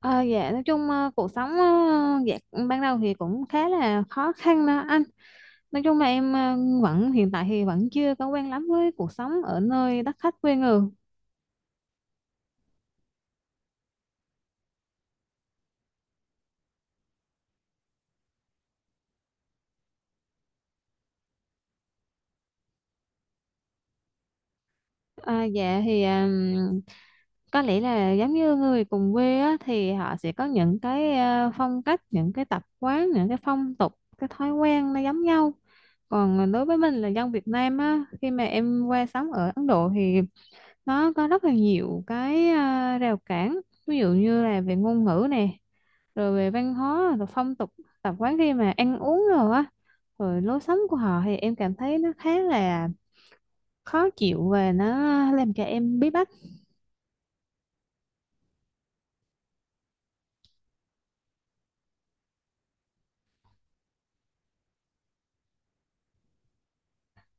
Ờ, dạ nói chung, cuộc sống, dạ ban đầu thì cũng khá là khó khăn đó anh. Nói chung là em vẫn hiện tại thì vẫn chưa có quen lắm với cuộc sống ở nơi đất khách quê người. À, dạ thì có lẽ là giống như người cùng quê á, thì họ sẽ có những cái phong cách, những cái tập quán, những cái phong tục, cái thói quen nó giống nhau. Còn đối với mình là dân Việt Nam á, khi mà em qua sống ở Ấn Độ thì nó có rất là nhiều cái à, rào cản. Ví dụ như là về ngôn ngữ nè, rồi về văn hóa rồi phong tục tập quán, khi mà ăn uống rồi á, rồi lối sống của họ thì em cảm thấy nó khá là khó chịu và nó làm cho em bí bách.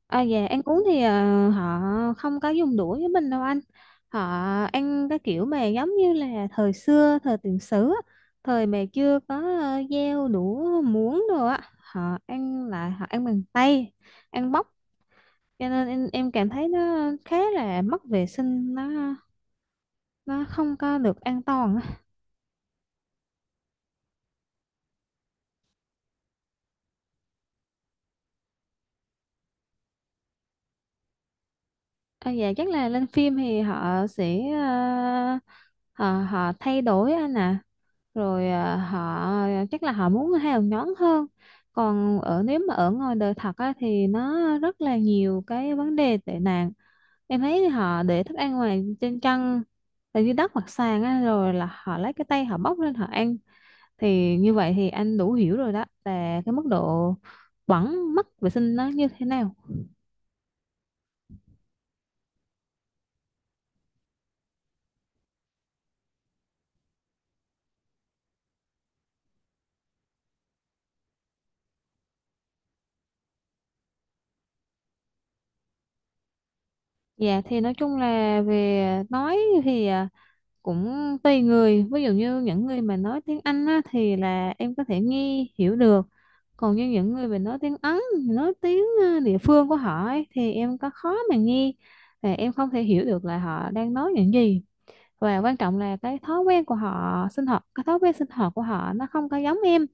À, về ăn uống thì à, họ không có dùng đũa với mình đâu anh, họ ăn cái kiểu mà giống như là thời xưa thời tiền sử á, thời mà chưa có dao đũa muỗng đồ á, họ ăn lại, họ ăn bằng tay, ăn bóc. Cho nên em cảm thấy nó khá là mất vệ sinh, nó không có được an toàn á. À, dạ chắc là lên phim thì họ sẽ ờ, họ họ thay đổi anh ạ. Rồi họ chắc là họ muốn hào nhoáng hơn. Còn ở, nếu mà ở ngoài đời thật á, thì nó rất là nhiều cái vấn đề tệ nạn. Em thấy họ để thức ăn ngoài trên chân, là dưới đất hoặc sàn á, rồi là họ lấy cái tay họ bóc lên họ ăn, thì như vậy thì anh đủ hiểu rồi đó, là cái mức độ bẩn mất vệ sinh nó như thế nào. Dạ thì nói chung là về nói thì à, cũng tùy người. Ví dụ như những người mà nói tiếng Anh á, thì là em có thể nghe hiểu được. Còn như những người mà nói tiếng Ấn, nói tiếng à, địa phương của họ ấy, thì em có khó mà nghe và em không thể hiểu được là họ đang nói những gì. Và quan trọng là cái thói quen của họ sinh hoạt, cái thói quen sinh hoạt của họ nó không có giống em,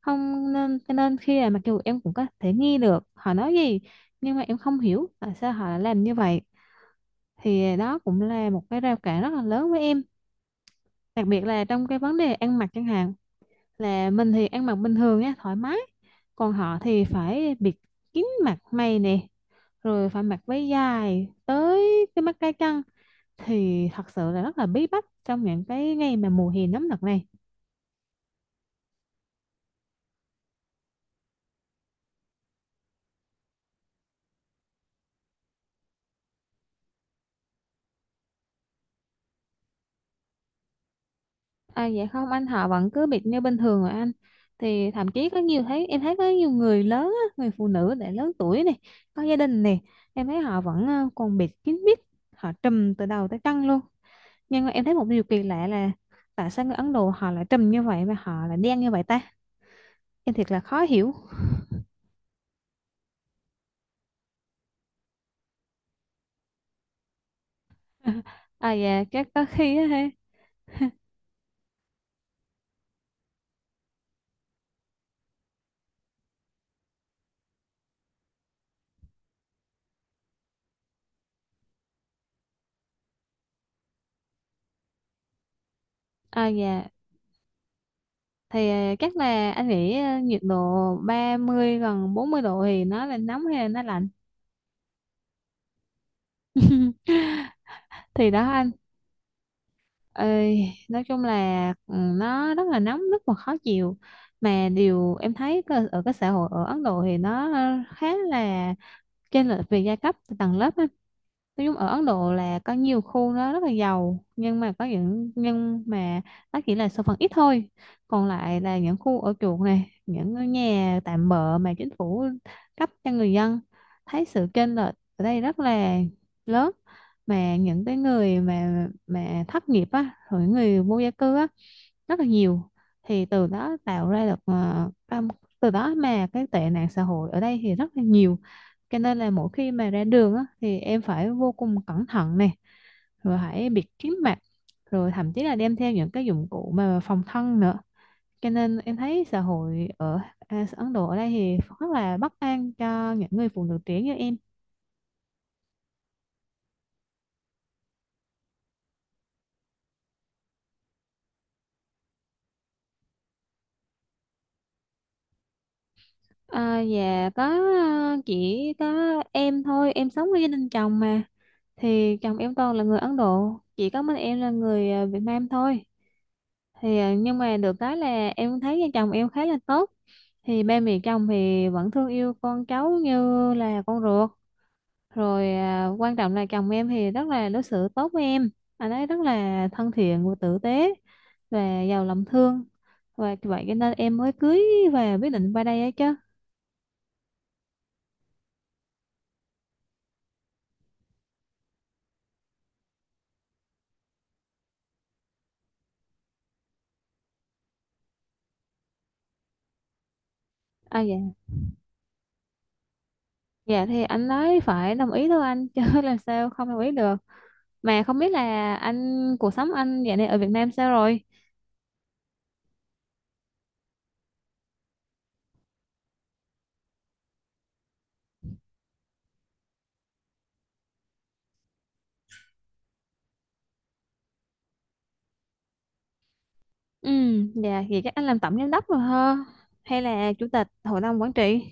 không nên cho nên khi là mặc dù em cũng có thể nghe được họ nói gì nhưng mà em không hiểu tại sao họ lại làm như vậy. Thì đó cũng là một cái rào cản rất là lớn với em, đặc biệt là trong cái vấn đề ăn mặc chẳng hạn. Là mình thì ăn mặc bình thường á, thoải mái, còn họ thì phải bịt kín mặt mày nè, rồi phải mặc váy dài tới cái mắt cá chân. Thì thật sự là rất là bí bách trong những cái ngày mà mùa hè nóng nực này. À dạ không anh, họ vẫn cứ bịt như bình thường rồi anh. Thì thậm chí có nhiều, thấy em thấy có nhiều người lớn á, người phụ nữ đã lớn tuổi này, có gia đình này, em thấy họ vẫn còn bịt kín mít, họ trùm từ đầu tới chân luôn. Nhưng mà em thấy một điều kỳ lạ là tại sao người Ấn Độ họ lại trùm như vậy mà họ lại đen như vậy ta? Em thiệt là khó hiểu. À dạ chắc có khi á ha. À dạ thì à, chắc là anh nghĩ à, nhiệt độ 30 gần 40 độ thì nó là nóng hay là nó lạnh? Thì đó anh ơi, nói chung là ừ, nó rất là nóng, rất là khó chịu. Mà điều em thấy ở cái xã hội ở Ấn Độ thì nó khá là chênh lệch về giai cấp tầng lớp á. Nói chung ở Ấn Độ là có nhiều khu nó rất là giàu, nhưng mà có những, nhưng mà nó chỉ là số phận ít thôi, còn lại là những khu ở chuột này, những ngôi nhà tạm bợ mà chính phủ cấp cho người dân. Thấy sự chênh lệch ở đây rất là lớn. Mà những cái người mà thất nghiệp á, rồi những người vô gia cư á, rất là nhiều. Thì từ đó tạo ra được từ đó mà cái tệ nạn xã hội ở đây thì rất là nhiều. Cho nên là mỗi khi mà ra đường á, thì em phải vô cùng cẩn thận nè, rồi hãy bịt kín mặt, rồi thậm chí là đem theo những cái dụng cụ mà phòng thân nữa. Cho nên em thấy xã hội ở à, Ấn Độ ở đây thì rất là bất an cho những người phụ nữ trẻ như em. À, dạ có. Chỉ có em thôi, em sống với gia đình chồng mà, thì chồng em toàn là người Ấn Độ, chỉ có mình em là người Việt Nam thôi. Thì nhưng mà được cái là em thấy vợ chồng em khá là tốt. Thì ba mẹ chồng thì vẫn thương yêu con cháu như là con ruột, rồi à, quan trọng là chồng em thì rất là đối xử tốt với em. Anh ấy rất là thân thiện và tử tế và giàu lòng thương, và vậy cho nên em mới cưới và quyết định qua đây ấy chứ. À dạ, dạ thì anh ấy phải đồng ý thôi anh chứ làm sao không đồng ý được. Mà không biết là anh cuộc sống anh dạo này ở Việt Nam sao rồi? Ừ, dạ thì chắc anh làm tổng giám đốc rồi ha, hay là chủ tịch hội đồng quản trị?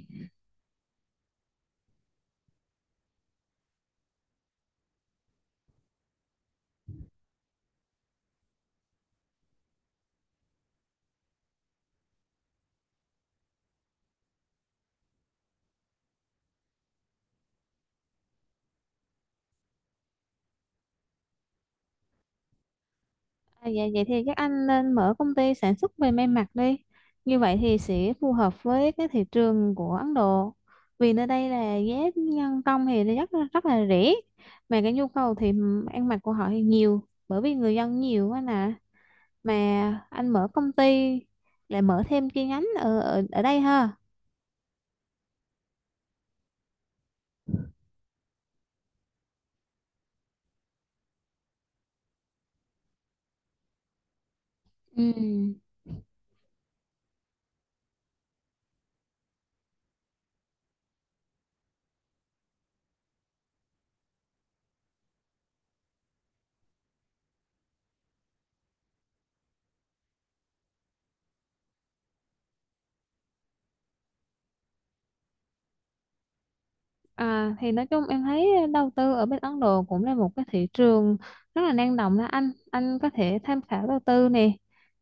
À, dạ vậy thì các anh nên mở công ty sản xuất về may mặc đi, như vậy thì sẽ phù hợp với cái thị trường của Ấn Độ, vì nơi đây là giá nhân công thì nó rất rất là rẻ, mà cái nhu cầu thì ăn mặc của họ thì nhiều, bởi vì người dân nhiều quá nè. Mà anh mở công ty, lại mở thêm chi nhánh ở ở, ở đây ha? Ừ. À, thì nói chung em thấy đầu tư ở bên Ấn Độ cũng là một cái thị trường rất là năng động đó anh có thể tham khảo đầu tư nè.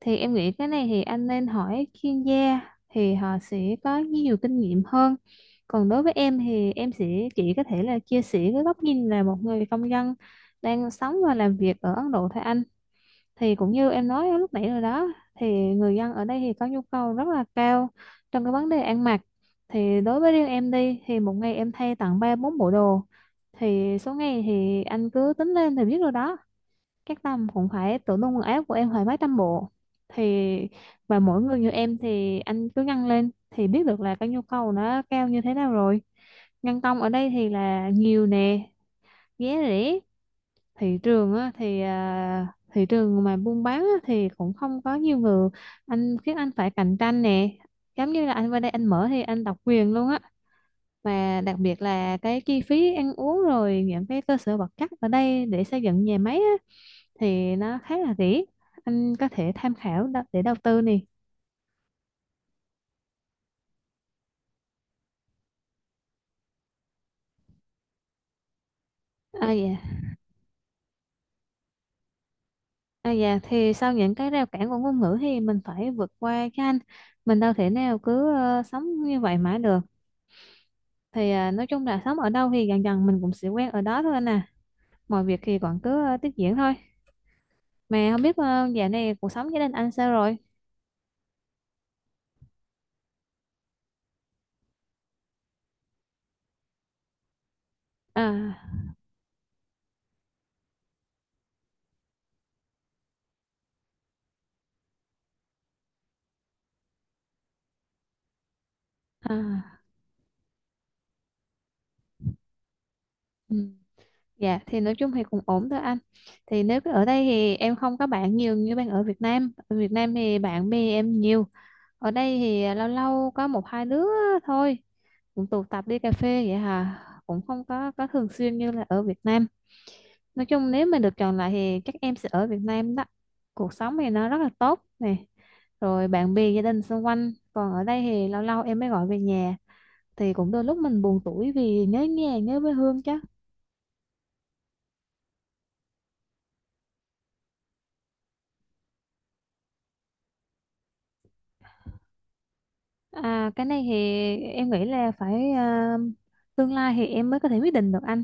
Thì em nghĩ cái này thì anh nên hỏi chuyên gia, thì họ sẽ có nhiều kinh nghiệm hơn. Còn đối với em thì em sẽ chỉ có thể là chia sẻ cái góc nhìn là một người công dân đang sống và làm việc ở Ấn Độ thôi anh. Thì cũng như em nói lúc nãy rồi đó, thì người dân ở đây thì có nhu cầu rất là cao trong cái vấn đề ăn mặc. Thì đối với riêng em đi thì một ngày em thay tận ba bốn bộ đồ, thì số ngày thì anh cứ tính lên thì biết rồi đó. Các tầm cũng phải, tủ đông quần áo của em phải mấy trăm bộ. Thì và mỗi người như em thì anh cứ ngăn lên thì biết được là cái nhu cầu nó cao như thế nào rồi. Nhân công ở đây thì là nhiều nè, giá rẻ. Thị trường á thì à, thị trường mà buôn bán á, thì cũng không có nhiều người, anh khiến anh phải cạnh tranh nè, giống như là anh qua đây anh mở thì anh độc quyền luôn á. Và đặc biệt là cái chi phí ăn uống rồi những cái cơ sở vật chất ở đây để xây dựng nhà máy á, thì nó khá là rẻ, anh có thể tham khảo để đầu tư nè. À dạ, à dạ thì sau những cái rào cản của ngôn ngữ thì mình phải vượt qua cho anh, mình đâu thể nào cứ sống như vậy mãi được. Thì à, nói chung là sống ở đâu thì dần dần mình cũng sẽ quen ở đó thôi anh à. Mọi việc thì còn cứ tiếp diễn thôi. Mà không biết dạo này cuộc sống gia đình anh sao rồi? À, à, ừ. Dạ thì nói chung thì cũng ổn thôi anh. Thì nếu cứ ở đây thì em không có bạn nhiều như bạn ở Việt Nam, ở Việt Nam thì bạn bè em nhiều. Ở đây thì lâu lâu có một hai đứa thôi, cũng tụ tập đi cà phê vậy hà, cũng không có thường xuyên như là ở Việt Nam. Nói chung nếu mà được chọn lại thì chắc em sẽ ở Việt Nam đó, cuộc sống thì nó rất là tốt nè, rồi bạn bè gia đình xung quanh. Còn ở đây thì lâu lâu em mới gọi về nhà, thì cũng đôi lúc mình buồn tủi vì nhớ nhà nhớ quê hương chứ. À, cái này thì em nghĩ là phải à, tương lai thì em mới có thể quyết định được anh.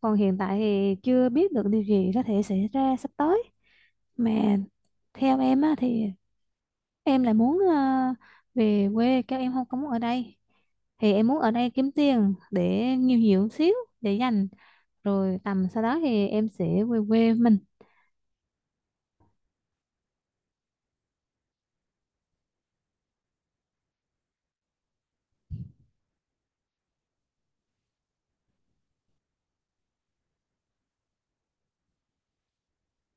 Còn hiện tại thì chưa biết được điều gì có thể xảy ra sắp tới. Mà theo em á, thì em lại muốn à, về quê, các em không có muốn ở đây. Thì em muốn ở đây kiếm tiền để nhiều nhiều xíu để dành. Rồi tầm sau đó thì em sẽ về quê mình.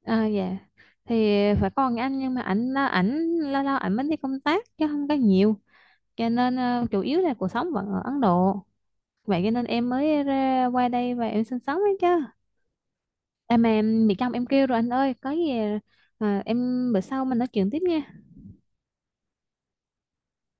À, dạ. Thì phải còn anh, nhưng mà ảnh ảnh lâu lâu ảnh mới đi công tác chứ không có nhiều, cho nên chủ yếu là cuộc sống vẫn ở Ấn Độ. Vậy cho nên em mới ra qua đây và em sinh sống đấy chứ. Em mà em bị chồng em kêu rồi anh ơi, có gì em bữa sau mình nói chuyện tiếp nha.